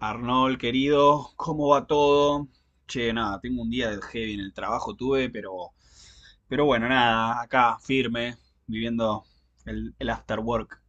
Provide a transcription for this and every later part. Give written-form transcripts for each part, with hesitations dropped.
Arnold, querido, ¿cómo va todo? Che, nada, tengo un día de heavy en el trabajo, tuve, pero bueno, nada, acá, firme, viviendo el after work.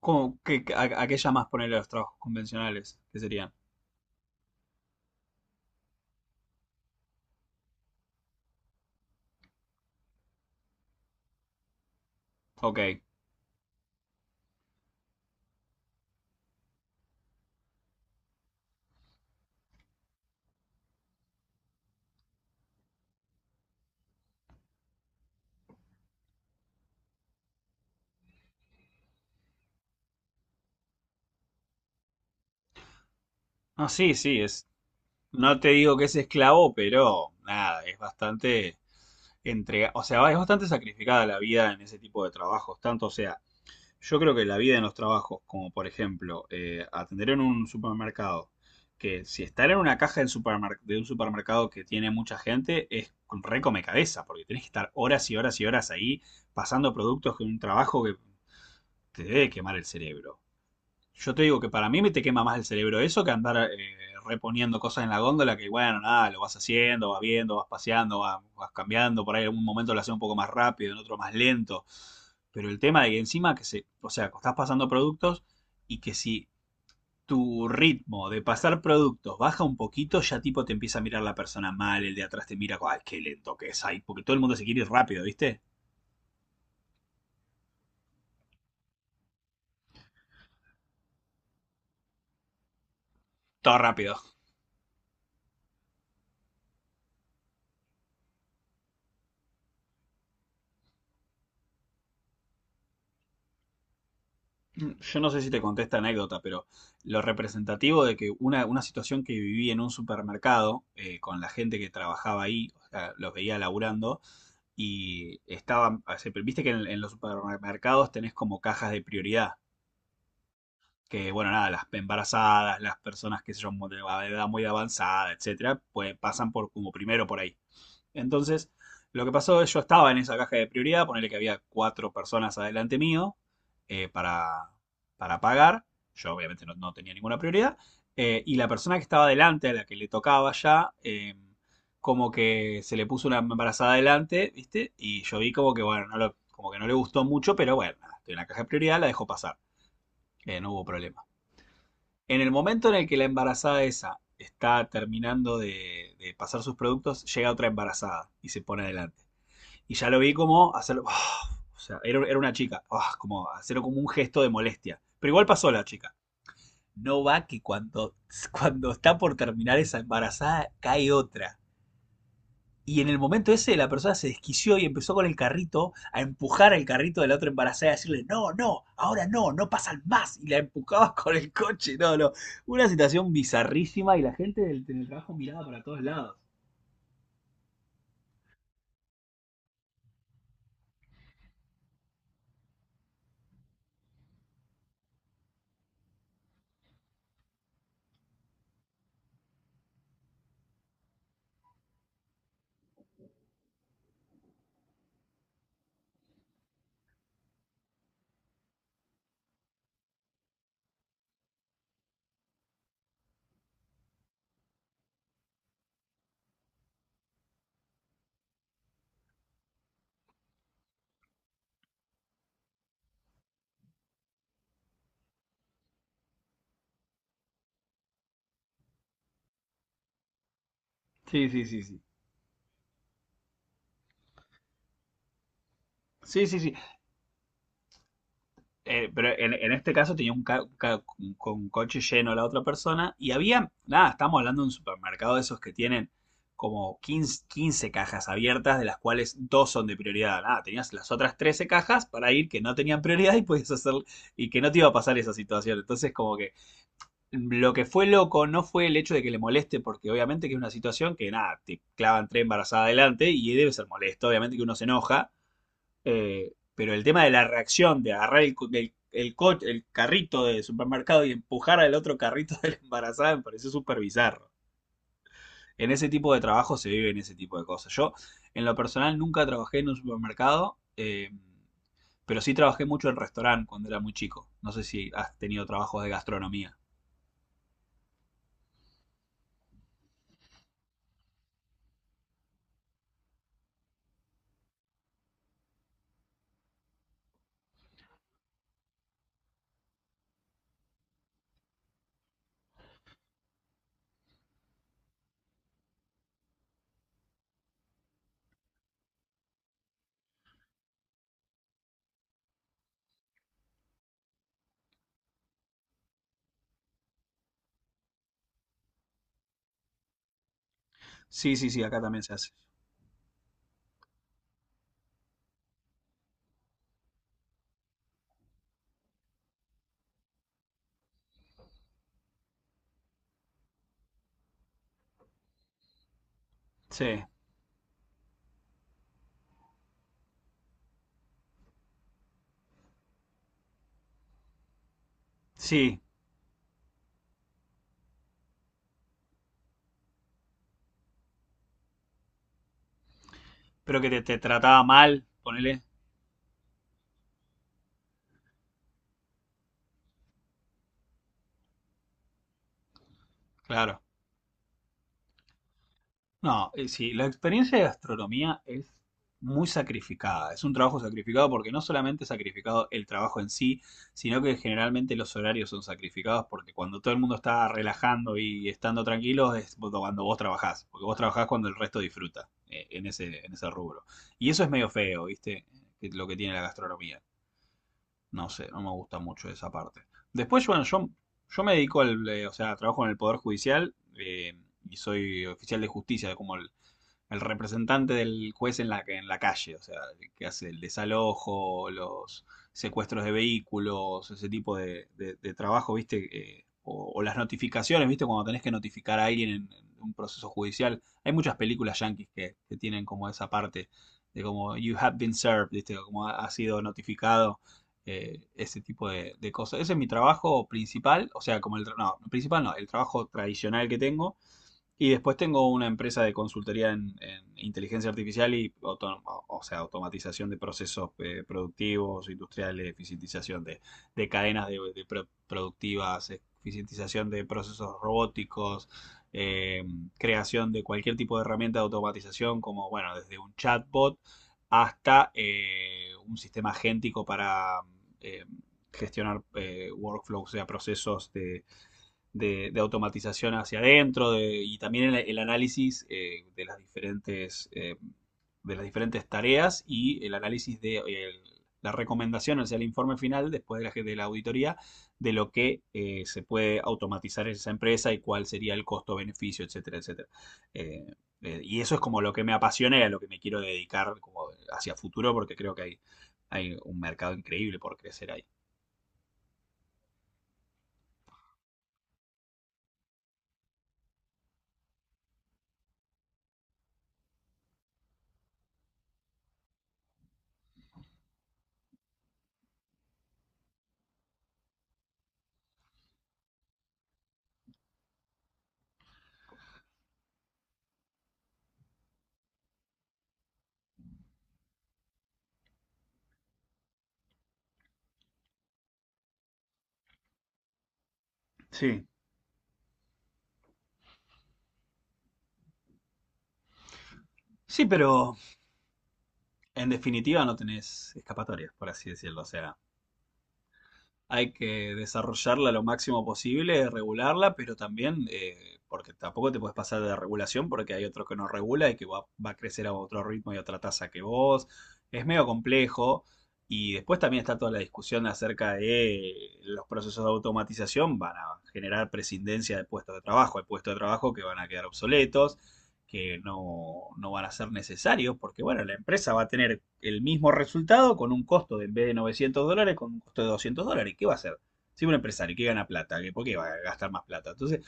¿Cómo, qué, a qué llamas ponerle los trabajos convencionales? ¿Qué serían? Ok. No, sí, sí, es, no te digo que es esclavo, pero nada, es bastante entrega, o sea, es bastante sacrificada la vida en ese tipo de trabajos, tanto sea. Yo creo que la vida en los trabajos, como por ejemplo atender en un supermercado, que si estar en una caja de un supermercado que tiene mucha gente es un re come cabeza, porque tenés que estar horas y horas y horas ahí pasando productos que un trabajo que te debe quemar el cerebro. Yo te digo que para mí me te quema más el cerebro eso que andar reponiendo cosas en la góndola que, bueno, nada, lo vas haciendo, vas viendo, vas paseando, vas cambiando, por ahí en algún momento lo haces un poco más rápido, en otro más lento. Pero el tema de que encima que se, o sea, que estás pasando productos y que si tu ritmo de pasar productos baja un poquito, ya tipo te empieza a mirar la persona mal, el de atrás te mira, ay, qué lento que es ahí, porque todo el mundo se quiere ir rápido, ¿viste? Todo rápido. Yo no sé si te conté esta anécdota, pero lo representativo de que una situación que viví en un supermercado con la gente que trabajaba ahí, o sea, los veía laburando, y estaban, o sea, viste que en los supermercados tenés como cajas de prioridad, que bueno, nada, las embarazadas, las personas que son de edad muy avanzada, etcétera, pues pasan por como primero por ahí. Entonces, lo que pasó es yo estaba en esa caja de prioridad, ponerle que había cuatro personas adelante mío eh, para, para pagar. Yo obviamente no, no tenía ninguna prioridad. Y la persona que estaba adelante, a la que le tocaba ya, como que se le puso una embarazada adelante, ¿viste? Y yo vi como que, bueno, como que no le gustó mucho, pero bueno, nada, estoy en la caja de prioridad, la dejó pasar. No hubo problema. En el momento en el que la embarazada esa está terminando de pasar sus productos, llega otra embarazada y se pone adelante. Y ya lo vi como hacerlo. "Ah", o sea, era, era una chica. "Ah", como hacerlo como un gesto de molestia. Pero igual pasó la chica. No va que cuando está por terminar esa embarazada cae otra. Y en el momento ese la persona se desquició y empezó con el carrito a empujar el carrito de la otra embarazada y a decirle, no, no, ahora no, no pasan más. Y la empujabas con el coche. No, no. Una situación bizarrísima y la gente del teletrabajo miraba para todos lados. Sí, sí, sí, sí. Sí, sí, sí. Pero en este caso tenía un, ca- ca- un- con un coche lleno la otra persona y había, nada, estamos hablando de un supermercado de esos que tienen como 15 15 cajas abiertas, de las cuales dos son de prioridad. Nada, tenías las otras 13 cajas para ir que no tenían prioridad y podías hacer y que no te iba a pasar esa situación. Entonces, como que lo que fue loco no fue el hecho de que le moleste, porque obviamente que es una situación que nada, te clavan tres embarazadas adelante y debe ser molesto, obviamente que uno se enoja. Pero el tema de la reacción, de agarrar el carrito del supermercado y empujar al otro carrito de la embarazada me pareció súper bizarro. En ese tipo de trabajo se viven ese tipo de cosas. Yo, en lo personal, nunca trabajé en un supermercado, pero sí trabajé mucho en restaurante cuando era muy chico. No sé si has tenido trabajos de gastronomía. Sí, sí, sí, acá también se hace. Sí, sí, pero que te trataba mal, ponele. Claro. No, sí, la experiencia de gastronomía es muy sacrificada, es un trabajo sacrificado porque no solamente es sacrificado el trabajo en sí, sino que generalmente los horarios son sacrificados porque cuando todo el mundo está relajando y estando tranquilos es cuando vos trabajás, porque vos trabajás cuando el resto disfruta en ese rubro. Y eso es medio feo, ¿viste? Es lo que tiene la gastronomía. No sé, no me gusta mucho esa parte. Después, bueno, yo me dedico al, o sea, trabajo en el Poder Judicial y soy oficial de justicia como el representante del juez en la calle, o sea, que hace el desalojo, los secuestros de vehículos, ese tipo de trabajo, ¿viste? Las notificaciones, ¿viste? Cuando tenés que notificar a alguien en un proceso judicial. Hay muchas películas yanquis tienen como esa parte de como you have been served, ¿viste? Como ha sido notificado. Ese tipo de cosas. Ese es mi trabajo principal, o sea, como el, principal no, el trabajo tradicional que tengo, y después tengo una empresa de consultoría en inteligencia artificial y o sea, automatización de procesos productivos, industriales, eficientización de cadenas de productivas, eficientización de procesos robóticos, eh, creación de cualquier tipo de herramienta de automatización, como bueno, desde un chatbot hasta un sistema agéntico para eh, gestionar workflows, o sea, procesos de automatización hacia adentro de, y también el análisis de las diferentes, de las diferentes tareas y el análisis de el, la recomendación, o sea, el informe final después de la auditoría de lo que se puede automatizar en esa empresa y cuál sería el costo-beneficio, etcétera, etcétera. Eh, y eso es como lo que me apasiona y a lo que me quiero dedicar como hacia futuro porque creo que hay un mercado increíble por crecer ahí. Sí. Sí, pero en definitiva no tenés escapatorias, por así decirlo. O sea, hay que desarrollarla lo máximo posible, regularla, pero también, porque tampoco te puedes pasar de regulación porque hay otro que no regula y que va a crecer a otro ritmo y a otra tasa que vos. Es medio complejo. Y después también está toda la discusión acerca de los procesos de automatización van a generar prescindencia de puestos de trabajo. Hay puestos de trabajo que van a quedar obsoletos que no, no, van a ser necesarios, porque bueno, la empresa va a tener el mismo resultado con un costo de, en vez de $900, con un costo de $200. ¿Qué va a hacer? Si un empresario que gana plata, ¿por qué va a gastar más plata? Entonces,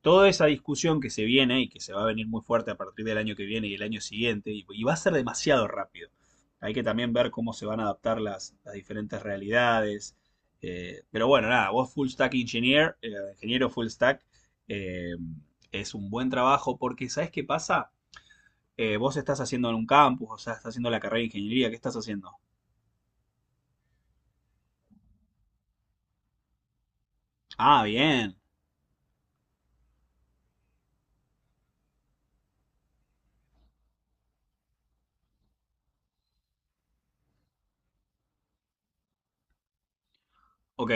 toda esa discusión que se viene y que se va a venir muy fuerte a partir del año que viene y el año siguiente, y va a ser demasiado rápido. Hay que también ver cómo se van a adaptar las diferentes realidades. Pero bueno, nada, vos full stack engineer, ingeniero full stack, eh, es un buen trabajo porque ¿sabes qué pasa? Vos estás haciendo en un campus, o sea, estás haciendo la carrera de ingeniería, ¿qué estás haciendo? Ah, bien, ok,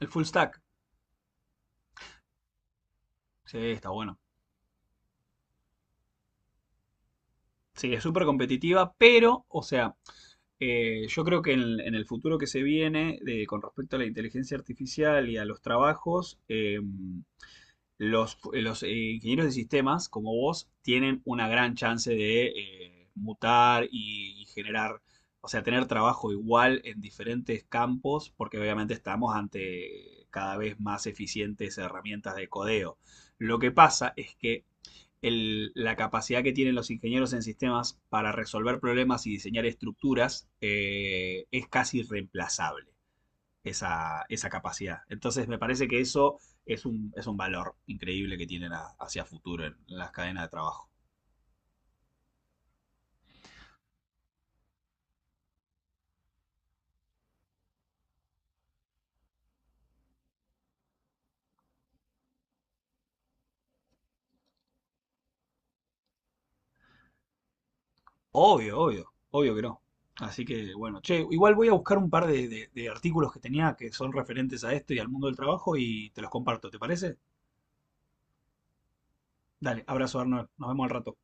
el full stack, sí, está bueno. Sí, es súper competitiva, pero, o sea, yo creo que en el futuro que se viene, con respecto a la inteligencia artificial y a los trabajos, los, los, eh, ingenieros de sistemas, como vos, tienen una gran chance de mutar y generar, o sea, tener trabajo igual en diferentes campos, porque obviamente estamos ante cada vez más eficientes herramientas de codeo. Lo que pasa es que la capacidad que tienen los ingenieros en sistemas para resolver problemas y diseñar estructuras es casi reemplazable esa capacidad. Entonces me parece que eso es un valor increíble que tienen hacia futuro en las cadenas de trabajo. Obvio, obvio, obvio que no. Así que bueno, che, igual voy a buscar un par de artículos que tenía que son referentes a esto y al mundo del trabajo y te los comparto, ¿te parece? Dale, abrazo Arnold, nos vemos al rato.